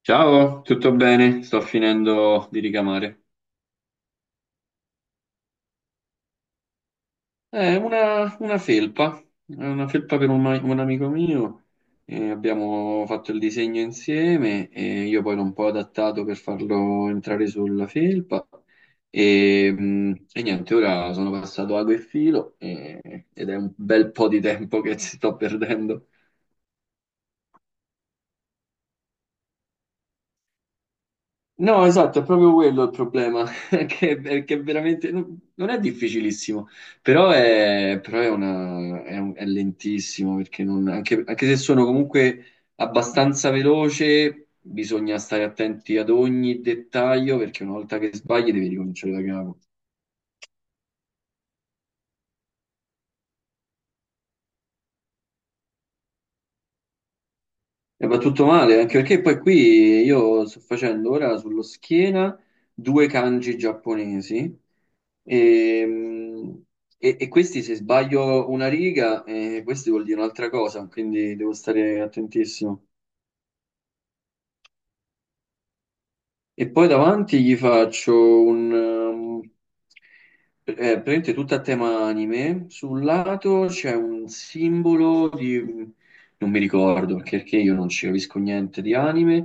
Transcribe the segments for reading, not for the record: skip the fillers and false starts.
Ciao, tutto bene? Sto finendo di ricamare. È una felpa, è una felpa per un amico mio. E abbiamo fatto il disegno insieme e io poi l'ho un po' adattato per farlo entrare sulla felpa. E niente, ora sono passato ago e ed è un bel po' di tempo che ci sto perdendo. No, esatto, è proprio quello il problema, che, che veramente non è difficilissimo, però è una- è un- è lentissimo, perché anche se sono comunque abbastanza veloce, bisogna stare attenti ad ogni dettaglio, perché una volta che sbagli devi ricominciare da capo. E va tutto male, anche perché poi qui io sto facendo ora sullo schiena due kanji giapponesi e, mm, e questi se sbaglio una riga, questi vuol dire un'altra cosa, quindi devo stare attentissimo. E poi davanti gli faccio un, è praticamente tutta a tema anime. Sul lato c'è un simbolo di non mi ricordo perché perché io non ci capisco niente di anime.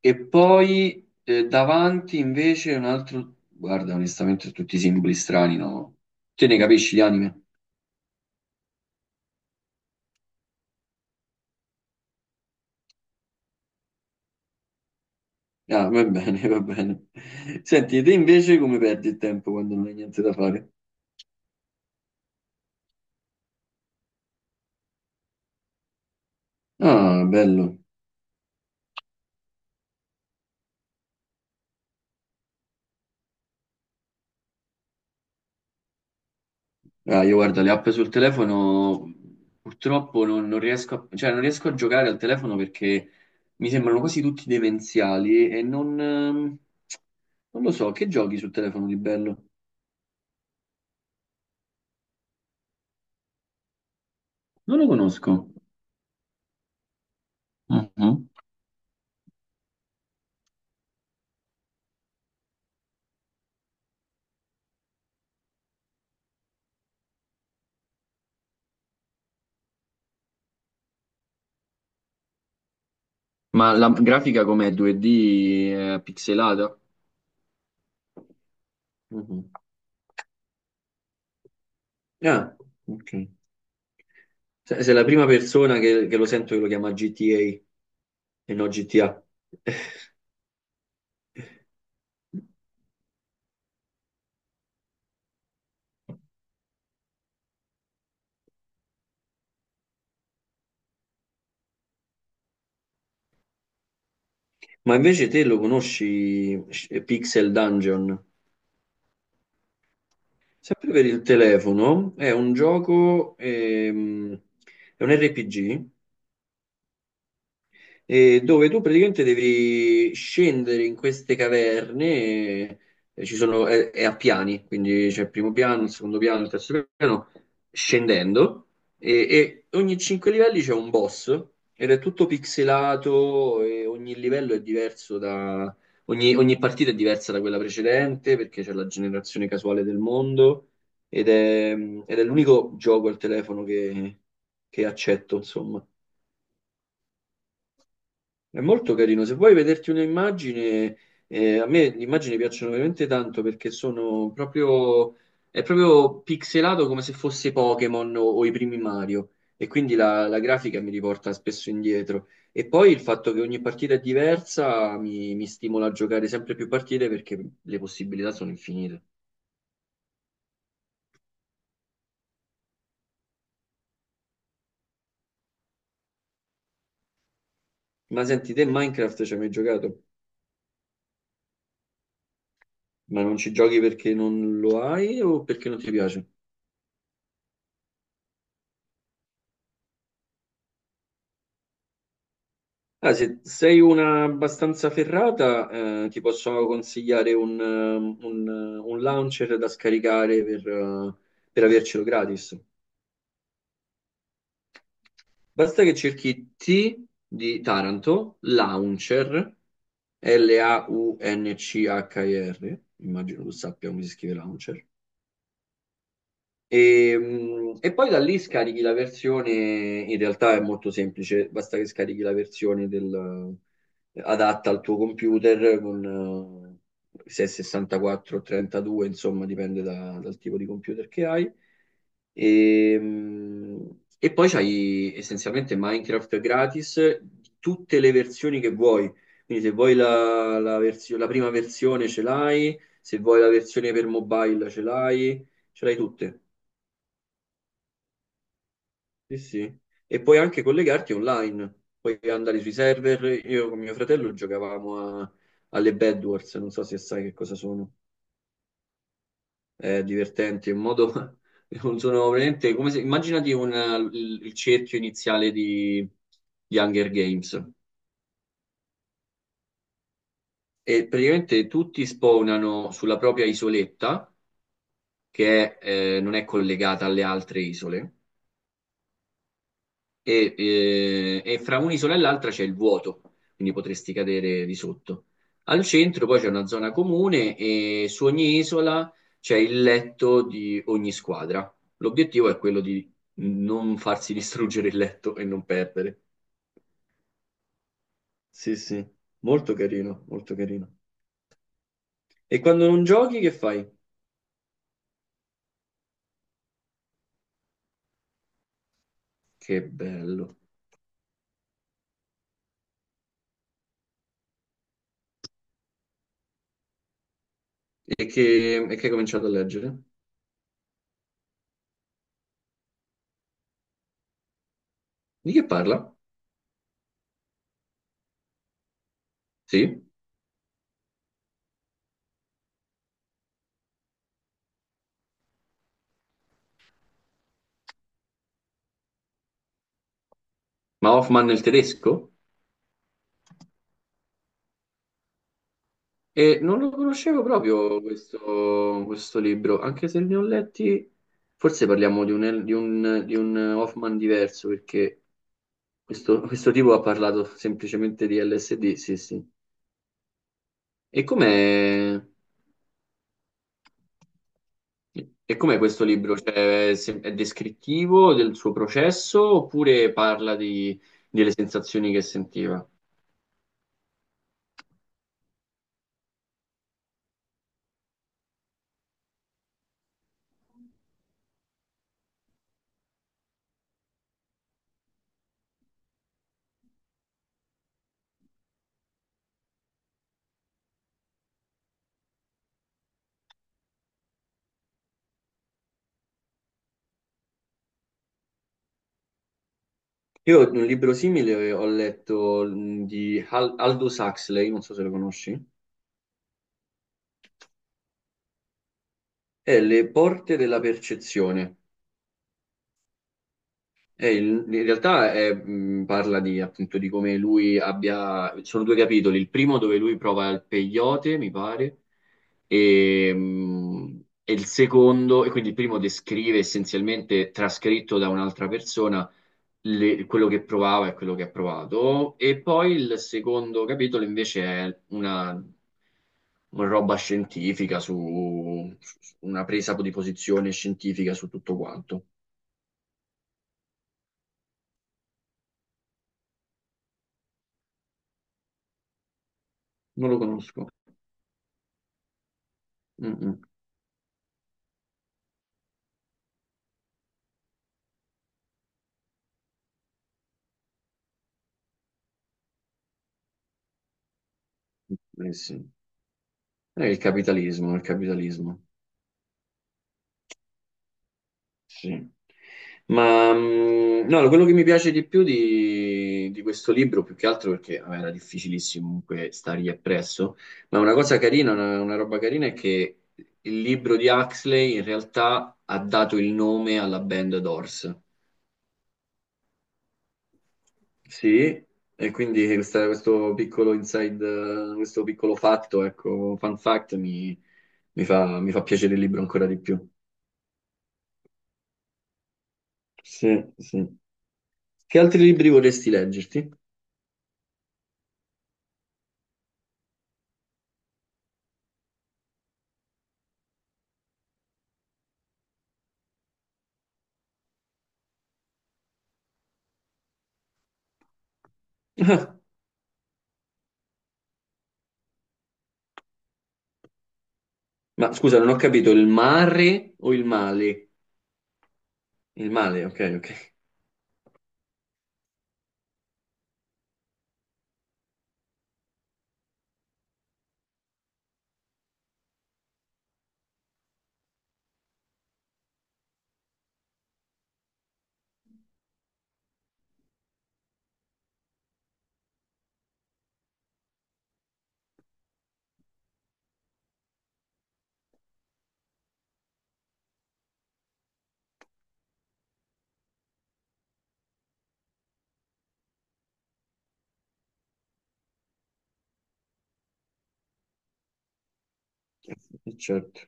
E poi davanti invece un altro. Guarda, onestamente tutti i simboli strani, no? Te ne capisci di anime? Ah, va bene, va bene. Senti, e te invece come perdi il tempo quando non hai niente da fare? Ah, bello. Ah, io guardo le app sul telefono, purtroppo non riesco a, cioè, non riesco a giocare al telefono perché mi sembrano quasi tutti demenziali e non lo so, che giochi sul telefono di bello? Non lo conosco. Mhm. Ma la grafica com'è? 2D pixelata? Mhm. Ah, ok. Sei la prima persona che lo sento che lo chiama GTA e non GTA. Ma invece te lo conosci, Pixel Dungeon? Sempre per il telefono, è un gioco, è un RPG dove tu praticamente devi scendere in queste caverne, eh, e ci sono, è a piani, quindi c'è il primo piano, il secondo piano, il terzo piano, scendendo, e ogni cinque livelli c'è un boss, ed è tutto pixelato, e ogni livello è diverso da. Ogni partita è diversa da quella precedente, perché c'è la generazione casuale del mondo, ed è l'unico gioco al telefono che accetto, insomma. È molto carino. Se vuoi vederti un'immagine, a me le immagini piacciono veramente tanto perché sono proprio, è proprio pixelato come se fosse Pokémon o i primi Mario. E quindi la grafica mi riporta spesso indietro. E poi il fatto che ogni partita è diversa mi stimola a giocare sempre più partite perché le possibilità sono infinite. Ma senti, te Minecraft ci hai mai giocato? Ma non ci giochi perché non lo hai o perché non ti piace? Ah, se sei una abbastanza ferrata, ti posso consigliare un launcher da scaricare per avercelo gratis. Basta che cerchi T di Taranto, launcher, L-A-U-N-C-H-I-R, immagino tu sappia come si scrive launcher. E poi da lì scarichi la versione, in realtà è molto semplice, basta che scarichi la versione adatta al tuo computer con se è 64 o 32, insomma, dipende dal tipo di computer che hai. E poi c'hai essenzialmente Minecraft gratis, tutte le versioni che vuoi. Quindi se vuoi la prima versione ce l'hai, se vuoi la versione per mobile ce l'hai tutte. Sì, sì. E puoi anche collegarti online, puoi andare sui server. Io con mio fratello alle Bed Wars, non so se sai che cosa sono. È divertente, è un modo. Non sono veramente come se. Immaginati un, il cerchio iniziale di Hunger Games. E praticamente tutti spawnano sulla propria isoletta, che non è collegata alle altre isole. E fra un'isola e l'altra c'è il vuoto, quindi potresti cadere di sotto. Al centro poi c'è una zona comune e su ogni isola c'è il letto di ogni squadra. L'obiettivo è quello di non farsi distruggere il letto e non perdere. Sì, sì, molto carino, molto carino. E quando non giochi, che fai? Che bello. E che hai cominciato a leggere? Di che parla? Sì? Ma Hoffman nel tedesco? E non lo conoscevo proprio questo libro, anche se ne ho letti, forse parliamo di un, di un Hoffman diverso, perché questo tipo ha parlato semplicemente di LSD, sì, sì. E com'è, e com'è questo libro? Cioè, è descrittivo del suo processo oppure delle sensazioni che sentiva? Io un libro simile ho letto di Aldous Huxley, non so se lo conosci. È Le porte della percezione. In realtà è, parla di, appunto, di come lui abbia. Sono due capitoli. Il primo dove lui prova il peyote, mi pare, e il secondo, e quindi il primo descrive essenzialmente, trascritto da un'altra persona, quello che provava e quello che ha provato. E poi il secondo capitolo invece è una roba scientifica su una presa di posizione scientifica su tutto quanto. Non lo conosco. Mm, mm. Eh sì. È il capitalismo, il capitalismo. Sì. Ma mm, no, quello che mi piace di più di questo libro, più che altro perché vabbè, era difficilissimo comunque stargli appresso, ma una cosa carina, una roba carina è che il libro di Huxley in realtà ha dato il nome alla band Doors. Sì, e quindi questo piccolo inside, questo piccolo fatto, ecco, fun fact, mi fa piacere il libro ancora di più. Sì, sì. Che altri libri vorresti leggerti? Ma scusa, non ho capito, il mare o il male? Il male, ok, ok. Certo,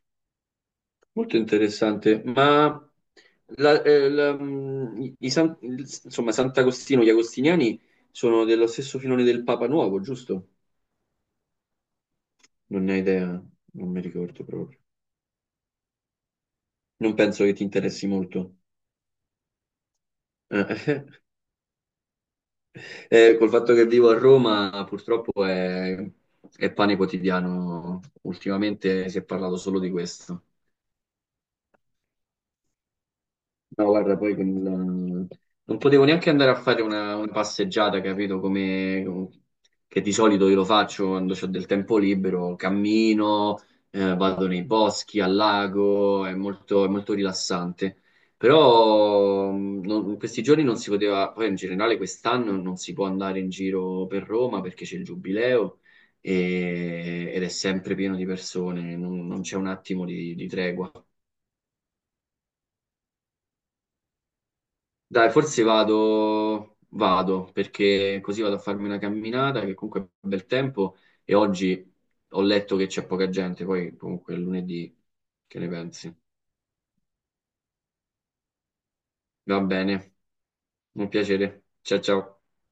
molto interessante. Ma insomma, Sant'Agostino, gli Agostiniani sono dello stesso filone del Papa Nuovo, giusto? Non ne ho idea, non mi ricordo proprio. Non penso che ti interessi molto. Eh, col fatto che vivo a Roma, purtroppo è pane quotidiano. Ultimamente si è parlato solo di questo. No, guarda, poi non potevo neanche andare a fare una passeggiata, capito? Come. Che di solito io lo faccio quando ho del tempo libero, cammino, vado nei boschi, al lago, è è molto rilassante. Però in questi giorni non si poteva, poi in generale quest'anno non si può andare in giro per Roma perché c'è il giubileo ed è sempre pieno di persone, non c'è un attimo di tregua. Dai, forse vado, vado, perché così vado a farmi una camminata, che comunque è bel tempo, e oggi ho letto che c'è poca gente, poi comunque è lunedì, che ne pensi? Va bene, un piacere. Ciao ciao.